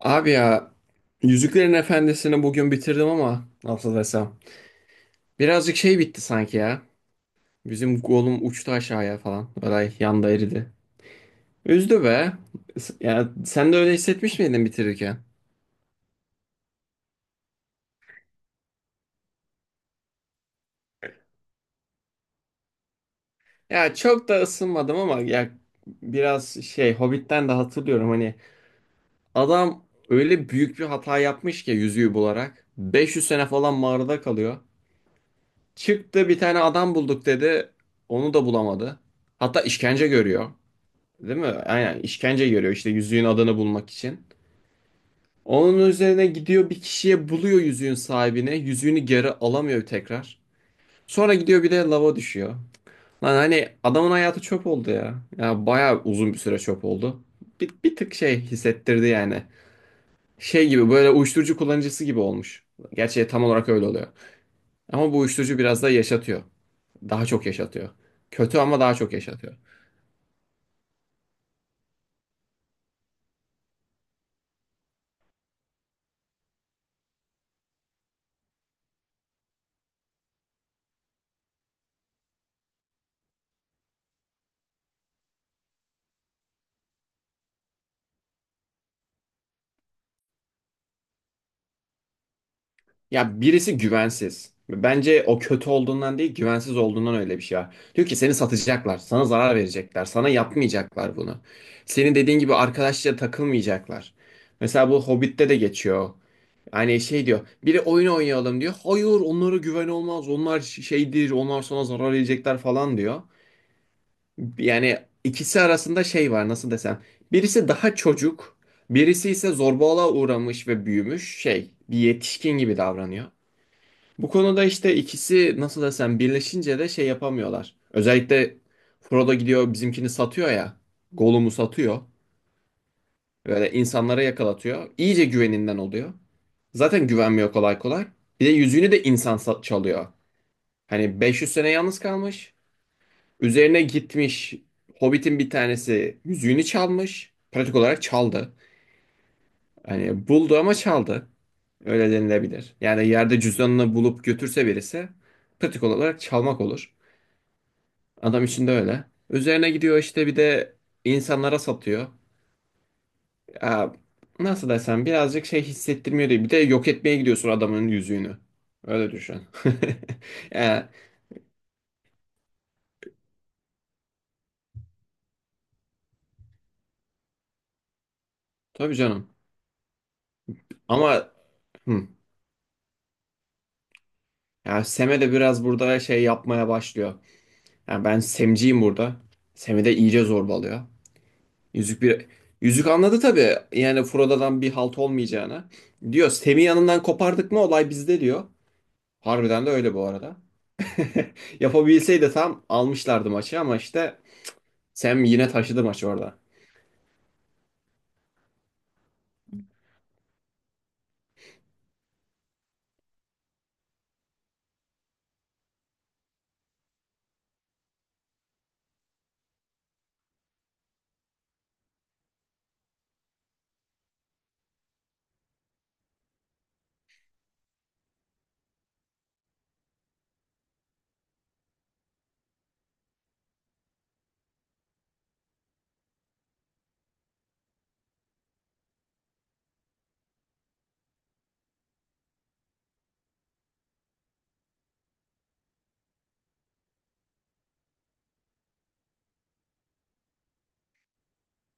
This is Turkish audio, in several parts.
Abi ya Yüzüklerin Efendisi'ni bugün bitirdim ama nasıl desem. Birazcık şey bitti sanki ya. Bizim golüm uçtu aşağıya falan. Olay yanda eridi. Üzdü be. Ya sen de öyle hissetmiş miydin bitirirken? Ya çok da ısınmadım ama ya biraz şey Hobbit'ten de hatırlıyorum hani adam öyle büyük bir hata yapmış ki yüzüğü bularak. 500 sene falan mağarada kalıyor. Çıktı bir tane adam bulduk dedi. Onu da bulamadı. Hatta işkence görüyor. Değil mi? Aynen işkence görüyor işte yüzüğün adını bulmak için. Onun üzerine gidiyor bir kişiye buluyor yüzüğün sahibine. Yüzüğünü geri alamıyor tekrar. Sonra gidiyor bir de lava düşüyor. Lan hani adamın hayatı çöp oldu ya. Ya bayağı uzun bir süre çöp oldu. Bir tık şey hissettirdi yani. Şey gibi böyle uyuşturucu kullanıcısı gibi olmuş. Gerçi tam olarak öyle oluyor. Ama bu uyuşturucu biraz da yaşatıyor. Daha çok yaşatıyor. Kötü ama daha çok yaşatıyor. Ya birisi güvensiz. Bence o kötü olduğundan değil, güvensiz olduğundan öyle bir şey var. Diyor ki seni satacaklar, sana zarar verecekler, sana yapmayacaklar bunu. Senin dediğin gibi arkadaşça takılmayacaklar. Mesela bu Hobbit'te de geçiyor. Hani şey diyor, biri oyun oynayalım diyor. Hayır, onlara güven olmaz, onlar şeydir, onlar sana zarar verecekler falan diyor. Yani ikisi arasında şey var, nasıl desem. Birisi daha çocuk, birisi ise zorbalığa uğramış ve büyümüş şey, bir yetişkin gibi davranıyor. Bu konuda işte ikisi nasıl desem birleşince de şey yapamıyorlar. Özellikle Frodo gidiyor bizimkini satıyor ya. Gollum'u satıyor. Böyle insanlara yakalatıyor. İyice güveninden oluyor. Zaten güvenmiyor kolay kolay. Bir de yüzüğünü de insan çalıyor. Hani 500 sene yalnız kalmış. Üzerine gitmiş Hobbit'in bir tanesi yüzüğünü çalmış. Pratik olarak çaldı. Hani buldu ama çaldı. Öyle denilebilir. Yani yerde cüzdanını bulup götürse birisi pratik olarak çalmak olur. Adam içinde öyle. Üzerine gidiyor işte bir de insanlara satıyor. Ya, nasıl desem birazcık şey hissettirmiyor değil. Bir de yok etmeye gidiyorsun adamın yüzüğünü. Öyle düşün. Ya, tabii canım. Ama hı, ya Sem'e de biraz burada şey yapmaya başlıyor. Ya ben Sem'ciyim burada. Sem'i de iyice zorbalıyor. Yüzük bir Yüzük anladı tabii. Yani Frodo'dan bir halt olmayacağını. Diyor Sem'i yanından kopardık mı olay bizde diyor. Harbiden de öyle bu arada. Yapabilseydi tam almışlardı maçı ama işte Sam yine taşıdı maçı orada.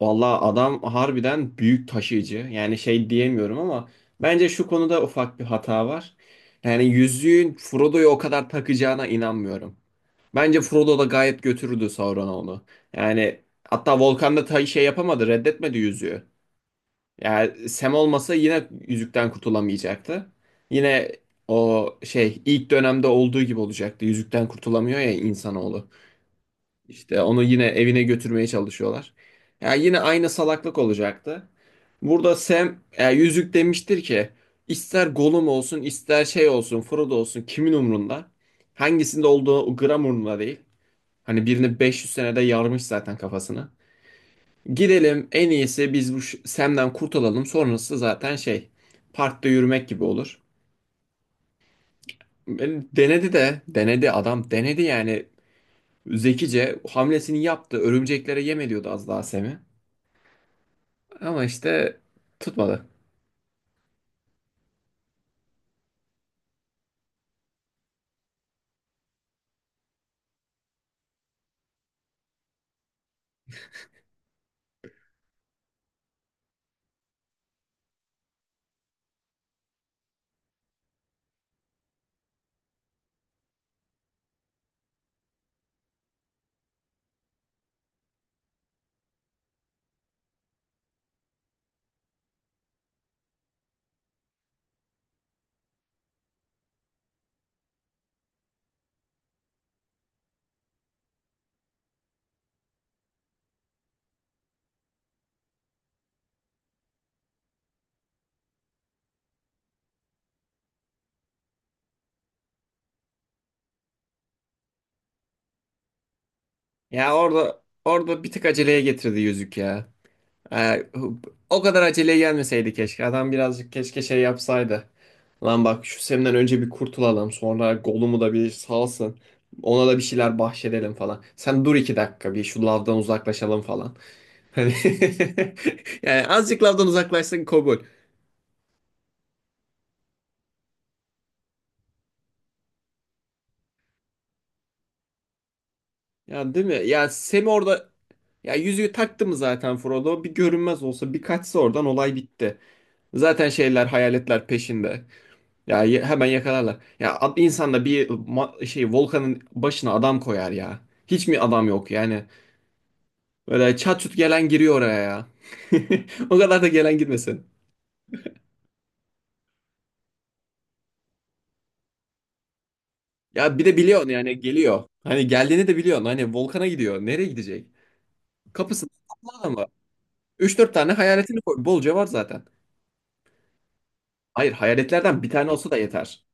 Vallahi adam harbiden büyük taşıyıcı. Yani şey diyemiyorum ama bence şu konuda ufak bir hata var. Yani yüzüğün Frodo'yu o kadar takacağına inanmıyorum. Bence Frodo da gayet götürürdü Sauron'a onu. Yani hatta Volkan da ta şey yapamadı, reddetmedi yüzüğü. Yani Sam olmasa yine yüzükten kurtulamayacaktı. Yine o şey ilk dönemde olduğu gibi olacaktı. Yüzükten kurtulamıyor ya insanoğlu. İşte onu yine evine götürmeye çalışıyorlar. Yani yine aynı salaklık olacaktı. Burada Sam yüzük demiştir ki ister Gollum olsun ister şey olsun Frodo olsun kimin umrunda? Hangisinde olduğu gram umrunda değil. Hani birini 500 senede yarmış zaten kafasını. Gidelim en iyisi biz bu Sam'den kurtulalım. Sonrası zaten şey parkta yürümek gibi olur. Denedi de denedi adam denedi yani zekice hamlesini yaptı. Örümceklere yem ediyordu az daha Sam'i. Ama işte tutmadı. Ya orada bir tık aceleye getirdi yüzük ya. Ee, o kadar aceleye gelmeseydi keşke. Adam birazcık keşke şey yapsaydı. Lan bak şu Sem'den önce bir kurtulalım. Sonra Gollum'u da bir salsın. Ona da bir şeyler bahşedelim falan. Sen dur 2 dakika bir şu lavdan uzaklaşalım falan. Hani yani azıcık lavdan uzaklaşsın kabul. Ya değil mi? Ya Sem orada ya yüzüğü taktı mı zaten Frodo? Bir görünmez olsa bir kaçsa oradan olay bitti. Zaten şeyler hayaletler peşinde. Ya hemen yakalarlar. Ya insan da bir şey volkanın başına adam koyar ya. Hiç mi adam yok yani? Böyle çat çut gelen giriyor oraya ya. O kadar da gelen girmesin. Ya bir de biliyorsun yani geliyor. Hani geldiğini de biliyorsun. Hani volkana gidiyor. Nereye gidecek? Kapısında toplu adamı. 3-4 tane hayaletini koy. Bolca var zaten. Hayır hayaletlerden bir tane olsa da yeter.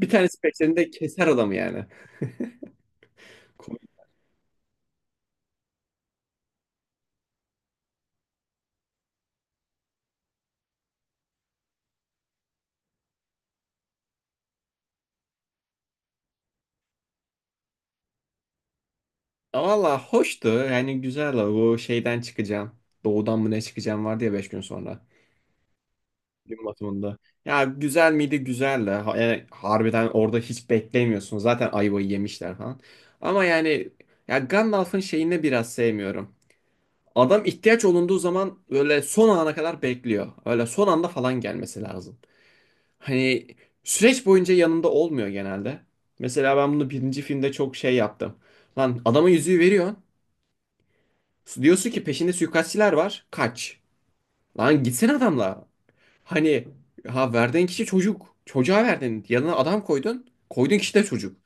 Bir tanesi peşlerinde keser adamı yani. Komik. Valla hoştu. Yani güzel. Bu şeyden çıkacağım. Doğudan mı ne çıkacağım vardı ya 5 gün sonra. Gün batımında. Ya güzel miydi? Güzeldi. Yani harbiden orada hiç beklemiyorsun. Zaten ayvayı yemişler falan. Ama yani ya Gandalf'ın şeyini biraz sevmiyorum. Adam ihtiyaç olunduğu zaman böyle son ana kadar bekliyor. Öyle son anda falan gelmesi lazım. Hani süreç boyunca yanında olmuyor genelde. Mesela ben bunu birinci filmde çok şey yaptım. Lan adama yüzüğü veriyorsun. Diyorsun ki peşinde suikastçiler var. Kaç. Lan gitsene adamla. Hani ha verdiğin kişi çocuk. Çocuğa verdin. Yanına adam koydun. Koyduğun kişi de çocuk.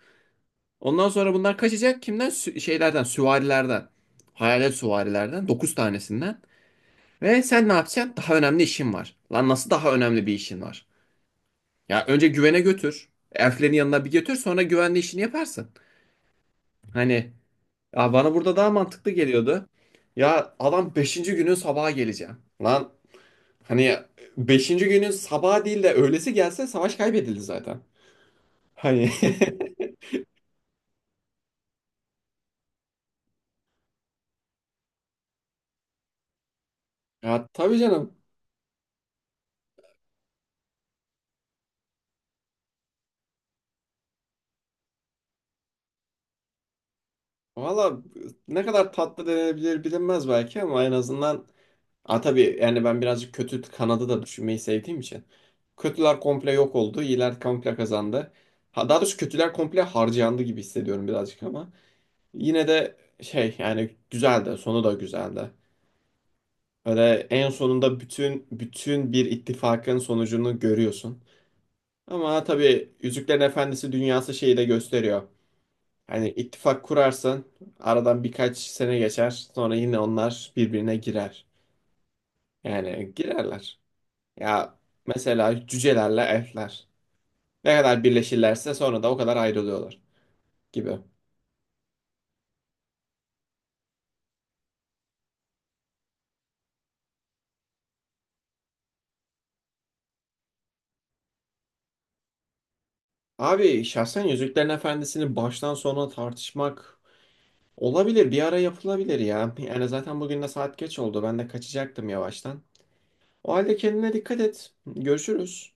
Ondan sonra bunlar kaçacak kimden? Şeylerden, süvarilerden. Hayalet süvarilerden, 9 tanesinden. Ve sen ne yapacaksın? Daha önemli işin var. Lan nasıl daha önemli bir işin var? Ya önce güvene götür. Elflerin yanına bir götür sonra güvenli işini yaparsın. Hani ya bana burada daha mantıklı geliyordu. Ya adam beşinci günün sabaha geleceğim. Lan hani beşinci günün sabaha değil de öğlesi gelse savaş kaybedildi zaten. Hani ya tabii canım. Valla ne kadar tatlı denebilir bilinmez belki ama en azından ha tabii yani ben birazcık kötü kanadı da düşünmeyi sevdiğim için. Kötüler komple yok oldu, iyiler komple kazandı. Ha, daha doğrusu kötüler komple harcandı gibi hissediyorum birazcık ama. Yine de şey yani güzeldi, sonu da güzeldi. Öyle en sonunda bütün bütün bir ittifakın sonucunu görüyorsun. Ama tabii Yüzüklerin Efendisi dünyası şeyi de gösteriyor. Hani ittifak kurarsan aradan birkaç sene geçer. Sonra yine onlar birbirine girer. Yani girerler. Ya mesela cücelerle elfler. Ne kadar birleşirlerse sonra da o kadar ayrılıyorlar gibi. Abi şahsen Yüzüklerin Efendisi'ni baştan sona tartışmak olabilir. Bir ara yapılabilir ya. Yani zaten bugün de saat geç oldu. Ben de kaçacaktım yavaştan. O halde kendine dikkat et. Görüşürüz.